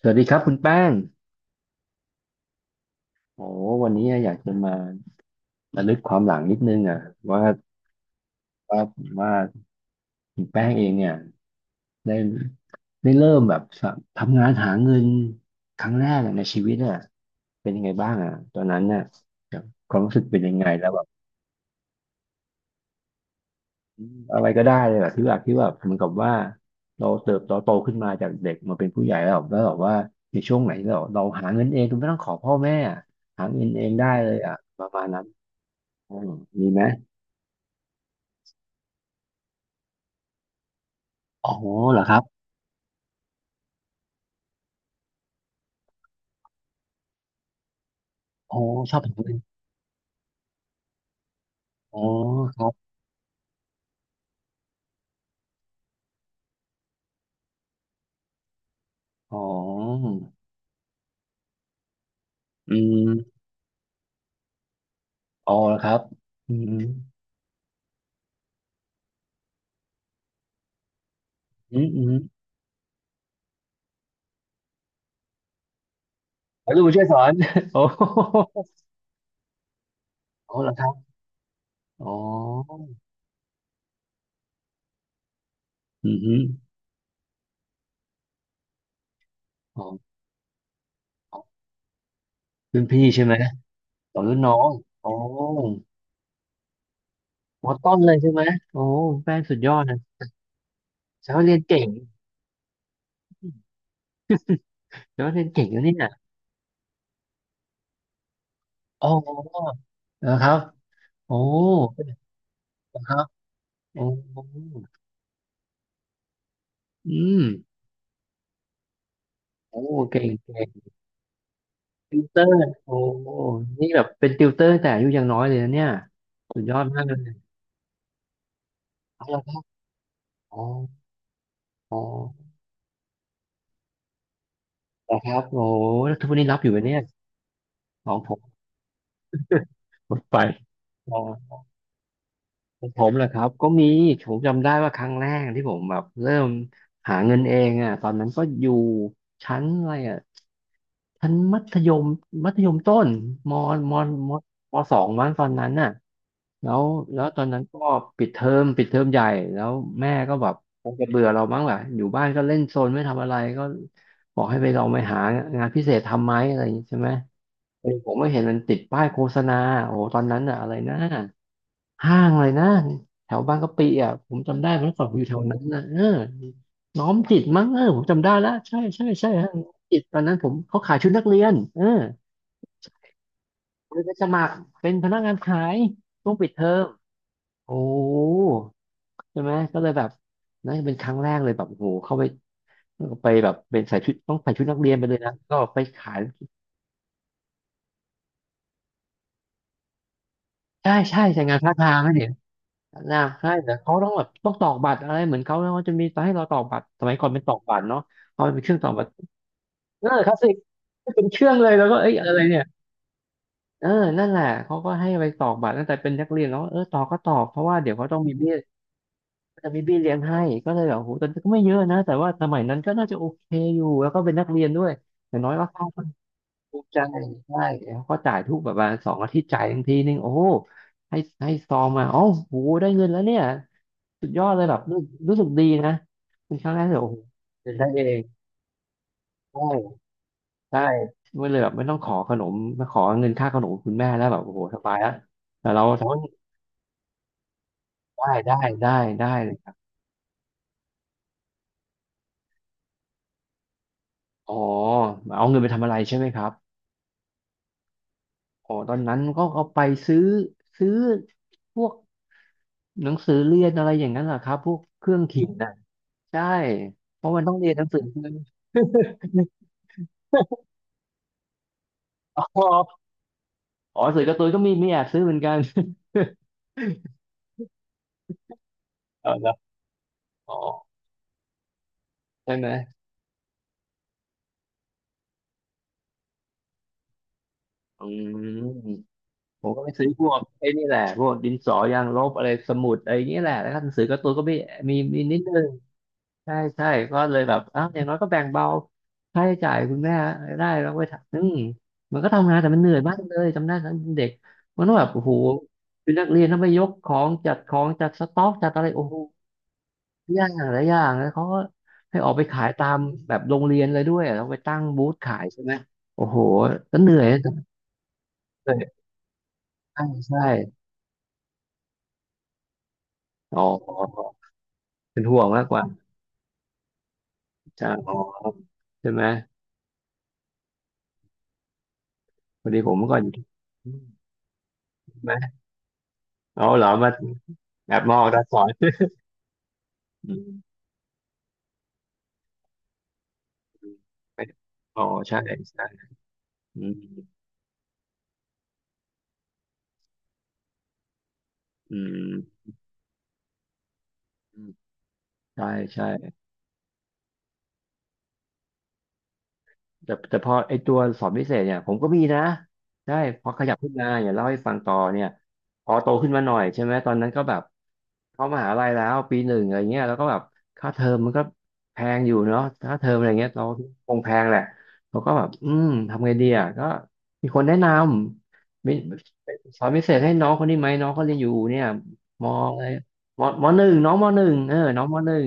สวัสดีครับคุณแป้งโอ้วันนี้อยากจะมาระลึกความหลังนิดนึงอ่ะว่าว่าว่าคุณแป้งเองเนี่ยได้ได้เริ่มแบบสะทำงานหาเงินครั้งแรกอะในชีวิตอ่ะเป็นยังไงบ้างอ่ะตอนนั้นเนี่ยบความรู้สึกเป็นยังไงแล้วแบบอืมอะไรก็ได้เลยแบบเหมือนกับว่าเราเติบโตโตขึ้นมาจากเด็กมาเป็นผู้ใหญ่แล้วแบบว่าในช่วงไหนเราหาเงินเองโดยไม่ต้องขอพ่อแม่อะหาเงินเองได้เลยอ่ะประมาณนั้นอืมมีไหม อ๋อเหรอครับอ๋อชอบทำบุญอ๋อครับอ๋ออืมอ๋อเหรอครับอืมอืมอืมแล้วลูกบุญช่วยสอน โอ้อ๋อเหรอครับอ๋ออืมอหืออ๋อรุ่นพี่ใช่ไหมต่อนรุ่นน้องอ๋อมอต้นเลยใช่ไหมโอ้แฟนสุดยอดนะแสดงว่าเรียนเก่งแสดงว่าเรียนเก่งแล้วเนี่ยอ๋อเหรอครับโอ้เหรอครับโอ้อืมโอ้เก่ง ติวเตอร์โอ้โหนี่แบบเป็นติวเตอร์แต่อายุยังน้อยเลยนะเนี่ยสุดยอดมากเลยเอาละครับอ๋ออ๋อเหรอครับโอ้โหแล้วทุกวันนี้รับอยู่ไหมเนี่ยของผมหมดไปอ๋อของผมเหรอครับก็มีผมจำได้ว่าครั้งแรกที่ผมแบบเริ่มหาเงินเองอ่ะตอนนั้นก็อยู่ชั้นอะไรอ่ะชั้นมัธยมมัธยมต้นมมมมสองมั้งตอนนั้นน่ะ แล้วแล้วตอนนั้นก็ปิดเทอมปิดเทอมใหญ่แล้วแม่ก็แบบคงจะเบื่อเรามั้งแหละอยู่บ้านก็เล่นโซนไม่ทำอะไรก็บอกให้ไปลองไปหางานพิเศษทำไหมอะไรอย่างนี้ใช่ไหมเออผมกเห็นมันติดป้ายโฆษณาโอ้โหตอนนั้นอะอะไรนะห้างอะไรนะแถวบางกะปิอ่ะผมจำได้เมื่อก่อนผมอยู่แถวนั้นนะเออน้อมจิตมั้งเออผมจำได้แล้วใช่ใช่ใช่ห้างน้อมจิตตอนนั้นผมเขาขายชุดนักเรียนเออเลยไปสมัครเป็นพนักงานขายช่วงปิดเทอมโอ้ ใช่ไหมก็เลยแบบนั่นเป็นครั้งแรกเลยแบบโอ้โหเข้าไปไปแบบเป็นใส่ชุดต้องใส่ชุดนักเรียนไปเลยนะก็ไปขายใช่ใช่ใส่งานท่าทางนะเนี่ยนะใช่แต่เขาต้องแบบต้องตอกบัตรอะไรเหมือนเขาแล้วเขาจะมีให้เราตอกบัตรสมัยก่อนเป็นตอกบัตรเนาะเขาเป็นเครื่องตอกบัตรเออคลาสสิกเป็นเครื่องเลยแล้วก็เอ้ยอะไรเนี่ยเออนั่นแหละเขาก็ให้ไปตอกบัตรตั้งแต่เป็นนักเรียนแล้วเออตอกก็ตอกเพราะว่าเดี๋ยวเขาต้องมีเบี้ยจะมีเบี้ยเลี้ยงให้ก็เลยแบบโอ้โหแต่ก็ไม่เยอะนะแต่ว่าสมัยนั้นก็น่าจะโอเคอยู่แล้วก็เป็นนักเรียนด้วยอย่างน้อยก็ ถูกใจใช่แล้วก็จ่ายทุกแบบว่าสองอาทิตย์จ่ายทังทีนึงโอ้โหให้ให้ซองมาโอ๋อโหได้เงินแล้วเนี่ยสุดยอดเลยแบบรู้รู้สึกดีนะเป็นครั้งแรกที่แบบโอ้โหได้เองใช่ใช่ไม่เลยแบบไม่ต้องขอขนมมาขอเงินค่าขนมคุณแม่แล้วแบบโอ้โหสบายแล้วแต่เราทำได้ได้ได้ได้เลยครับอ๋อเอาเงินไปทำอะไรใช่ไหมครับอ๋อตอนนั้นก็เอาไปซื้อซื้อพวก หนังสือเรียนอะไรอย่างนั้นเหรอครับพวกเครื่องเขียนน่ะใช่เพราะมันต้องเรียนหนังสือเรียน อ๋ออ๋อหนังสือการ์ตูนก็มีแอบซื้อเหมือนกัน เอาละอ๋อใช่ไหมอืมผมก็ไปซื้อพวกไอ้นี่แหละพวกดินสอยางลบอะไรสมุดอะไรอย่างเงี้ยแหละแล้วก็หนังสือการ์ตูนก็มีนิดนึง ใช่ใช่ก็เลยแบบอ้าวอย่างน้อยก็แบ่งเบาค่าใช้จ่ายคุณแม่ได้แล้วไปทำอืมมันก็ทำงานแต่มันเหนื่อยมากเลยจำได้ตอนเด็กมันต้องแบบโอ้โหเป็นนักเรียนต้องไปยกของจัดของจัดสต็อกจัดอะไรโอ้โหยากหลายอย่างแล้วเขาก็ให้ออกไปขายตามแบบโรงเรียนเลยด้วยเราไปตั้งบูธขายใช่ไหมโอ้โหก็เหนื่อยใช่ใช่อ๋อเป็นห่วงมากกว่าใช่อ๋อใช่ไหมพอดีผมเมื่อก่อนอยู่ที่ใช่ไหมอ๋อเหรอมาแอบมองตาสอน อืมอ๋อใช่ใช่อืมอืมอืมใช่ใช่ แต่พอไอตัวสอบพิเศษเนี่ยผมก็มีนะใช่พอขยับขึ้นมาอย่าเล่าให้ฟังต่อเนี่ยพอโตขึ้นมาหน่อยใช่ไหมตอนนั้นก็แบบเข้ามหาลัยแล้วปีหนึ่งอะไรเงี้ยแล้วก็แบบค่าเทอมมันก็แพงอยู่เนาะค่าเทอมอะไรเงี้ยเราคงแพงแหละเราก็แบบอืมทำไงดีอ่ะก็มีคนแนะนำมีสอนพิเศษให้น้องคนนี้ไหมน้องเขาเรียนอยู่เนี่ยมอะไรมมหนึ่งน้องมหนึ่งเออน้องมหนึ่ง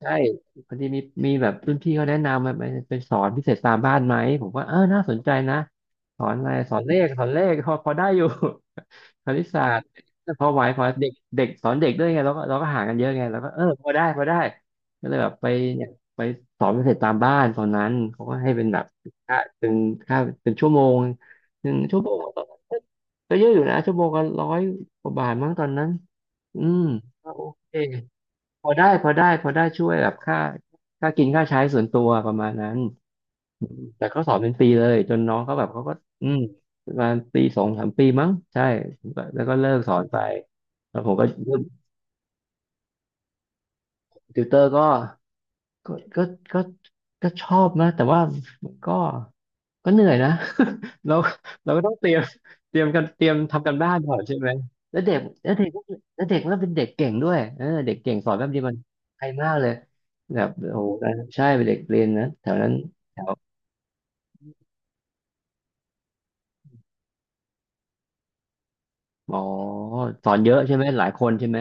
ใช่พอดีมีแบบรุ่นพี่เขาแนะนำมาไปสอนพิเศษตามบ้านไหมผมว่าเออน่าสนใจนะสอนอะไรสอนเลขสอนเลขพอได้อยู่ คณิตศาสตร์พอไหวพอเด็กเด็กสอนเด็กด้วยไงเราก็ห่างกันเยอะไงเราก็เออพอได้พอได้ก็เลยแบบไปเนี่ยไปสอนพิเศษตามบ้านตอนนั้นเขาก็ให้เป็นแบบค่าเป็นค่าเป็นชั่วโมงหนึ่งชั่วโมงก็เยอะอยู่นะชั่วโมงก็ร้อยกว่าบาทมั้งตอนนั้นอืมก็โอเค พอได้พอได้พอได้ช่วยแบบค่าค่ากินค่าใช้ส่วนตัวประมาณนั้นแต่เขาสอนเป็นปีเลยจนน้องเขาแบบเขาก็อืมประมาณปีสองสามปีมั้งใช่แล้วก็เลิกสอนไปแล้วผมก็ติวเตอร์ก็ก็ก็ก็ชอบนะแต่ว่าก็ ก็เหนื่อยนะ เราเราก็ต้องเตรียมเตรียมกันเตรียมทำกันบ้านก่อนใช่ไหม แล้วเด็กแล้วเด็กแล้วเด็กแล้วเป็นเด็กเก่งด้วยเออเด็กเก่งสอนแป๊บเดียวมันไฮมากเลยแบบโอ้โหใช่เป็นเด็กเรียนนะแถวนั้นแถวอ๋อสอนเยอะใช่ไหมหลายคนใช่ไหม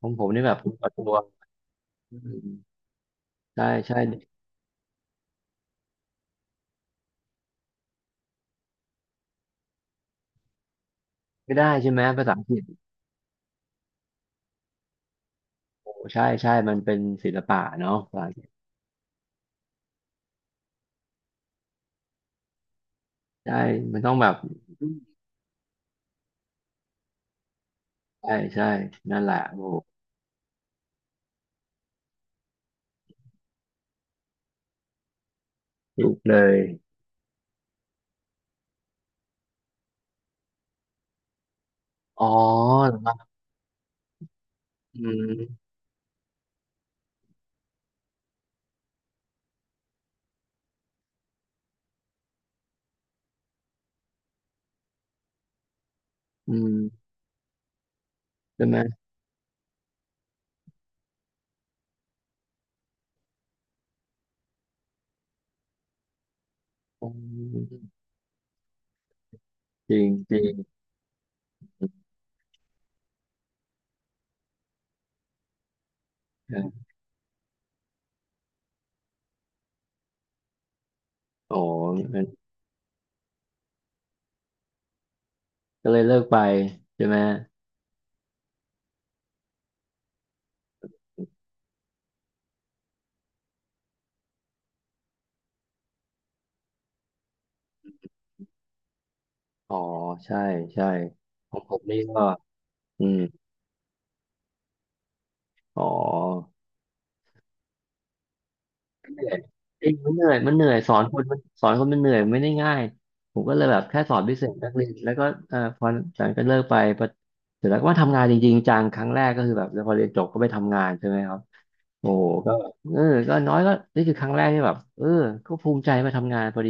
ของผมนี่แบบคนว่อตัวอืมใช่ใช่ไม่ได้ใช่ไหมภาษาอังกฤษโอ้ใช่ใช่มันเป็นศิลปะเนาะภาษาอังกฤษใช่มันต้องแบบใช่ใช่นั่นแหละโอ้ถูกเลยอ๋อ อืมอืมใช่ไหมอืมจริงจริงครับอ๋องั้นก็เลยเลิกไปใช่ไหมอ๋อใช่ใช่ของผมนี่ก็อืมอ๋อเหนื่อยเองมันเหนื่อยมันเหนื่อยสอนคนมันสอนคนมันเหนื่อยไม่ได้ง่ายผมก็เลยแบบแค่สอนพิเศษนักเรียนแล้วก็พอหลังจากก็เลิกไปพอเสร็จแล้วก็มาทำงานจริงๆจังครั้งแรกก็คือแบบแล้วพอเรียนจบก็ไปทำงานใช่ไหมครับ โอ้ก็เออก็น้อยก็นี่คือครั้งแรกที่แบบเออก็ภูมิใจมาทำงานพอดี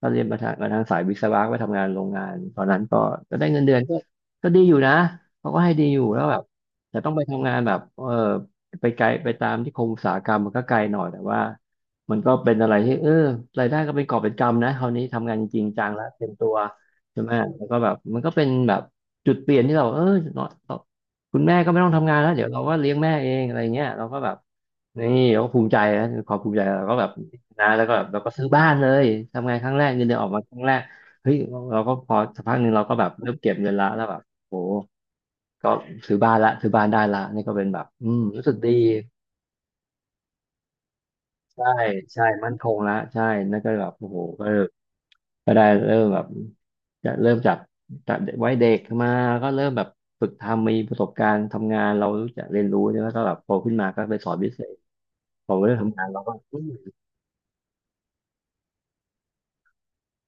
ตอนเรียนมาทางสายวิศวะไปทำงานโรงงานตอนนั้นก็ได้เงินเดือนก็ก็ดีอยู่นะเขาก็ให้ดีอยู่แล้วแบบแต่ต้องไปทำงานแบบเออไปไกลไปตามที่คงอุตสาหกรรมมันก็ไกลหน่อยแต่ว่ามันก็เป็นอะไรที่เออรายได้ก็เป็นกอบเป็นกำนะคราวนี้ทำงานจริงจังแล้วเต็มตัวใช่ไหมแล้วก็แบบมันก็เป็นแบบจุดเปลี่ยนที่เราเออเนาะคุณแม่ก็ไม่ต้องทำงานแล้วเดี๋ยวเราก็เลี้ยงแม่เองอะไรเงี้ยเราก็แบบ นี่เราก็ภูมิใจนะความภูมิใจเราก็แบบนะแล้วก็แบบเราก็ซื้อบ้านเลยทำงานครั้งแรกเงินเดือนออกมาครั้งแรกเฮ้ยเราก็พอสักพักหนึ่งเราก็แบบเริ่มเก็บเงินละแล้วแบบโหก็ซื้อบ้านละซื้อบ้านได้ละนี่ก็เป็นแบบอืมรู้สึกดีใช่ใช่มั่นคงละใช่นั่นก็แบบโอ้โหก็ก็ได้เริ่มแบบจะเริ่มจากไว้เด็กมาก็เริ่มแบบฝึกทำมีประสบการณ์ทำงานเรารู้จักเรียนรู้เนี่ยแล้วก็แบบโตขึ้นมาก็ไปสอนพิเศษพอเริ่มทำงานเราก็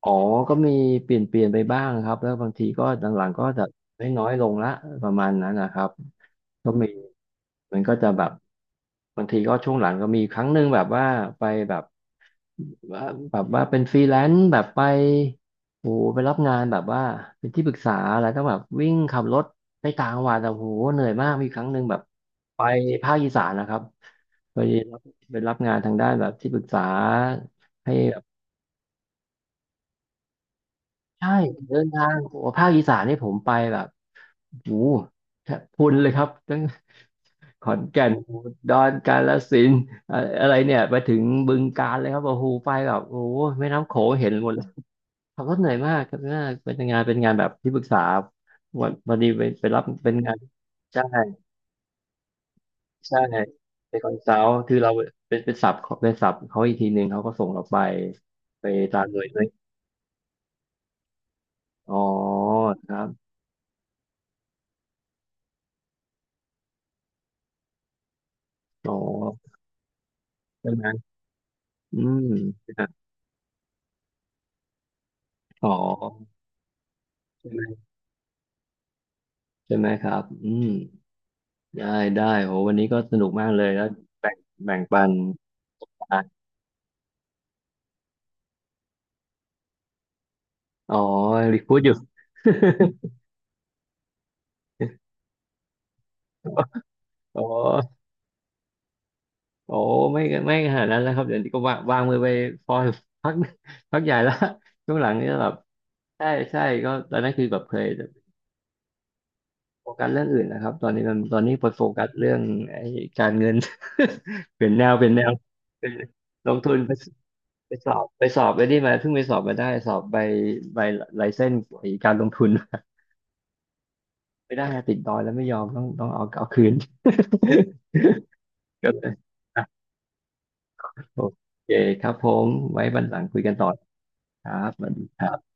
อ๋อก็มีเปลี่ยนไปบ้างครับแล้วบางทีก็หลังๆก็จะไม่น้อยลงละประมาณนั้นนะครับก็มีมันก็จะแบบบางทีก็ช่วงหลังก็มีครั้งหนึ่งแบบว่าไปแบบว่าแบบว่าเป็นฟรีแลนซ์แบบไปโอ้โหไปรับงานแบบว่าเป็นที่ปรึกษาอะไรต้องแบบวิ่งขับรถไปต่างจังหวัดแต่โอ้โหเหนื่อยมากมีครั้งหนึ่งแบบไปภาคอีสานนะครับไปรับไปรับงานทางด้านแบบที่ปรึกษาให้ ใช่เดินทางโอ้ภาคอีสานนี่ผมไปแบบโอ้โหแทบพรุนเลยครับตั้ง ขอนแก่นอุดรกาฬสินธุ์อะอะไรเนี่ยไปถึงบึงกาฬเลยครับโอ้โหไปแบบโอ้โหแม่น้ำโขงเห็นหมดเลยขับรถเหนื่อยมากครับน่าเป็นงานเป็นงานแบบที่ปรึกษาวันวันนี้ไปรับเป็นงานใช่ใช่เป็นคอนซัลท์คือเราเป็นเป็นศัพท์ของเป็นศัพท์เขาอีกทีหนึ่งเขาก็ส่งเราไปไปตามหน่วยด้วยอ๋อครับอ๋อใช่ไหม อืมอ๋อใช่ไหมใช่ไหมครับอืมได้ได้โหวันนี้ก็สนุกมากเลยแล้วแบ่งแบ่งปันอ๋อ๋อรีพูดอยู่ อ๋อโอ้ไม่ไม่ขนาดนั้นแล้วครับเดี๋ยวนี้ก็วางวางมือไปพอพัก พักใหญ่ละช่วงหลังนี่แบบใช่ใช่ก็ตอนนั้นคือแบบเคยโฟกัสเรื่องอื่นนะครับตอนนี้มันตอนนี้ไปโฟกัสเรื่องไอ้การเงิน เปลี่ยนแนวเปลี่ยนแนวเป็นลงทุน ไปสอบไปไี้มาเพิ่งไปสอบมาได้สอบใบใบไลเซนส์ไอ้การลงทุน ไม่ได้อะติดดอยแล้วไม่ยอมต้องต้องเอาเอาคืน ก็เลยอ่ะโอเคครับผมไว้วันหลังคุยกันต่อครับสวัสดีครับ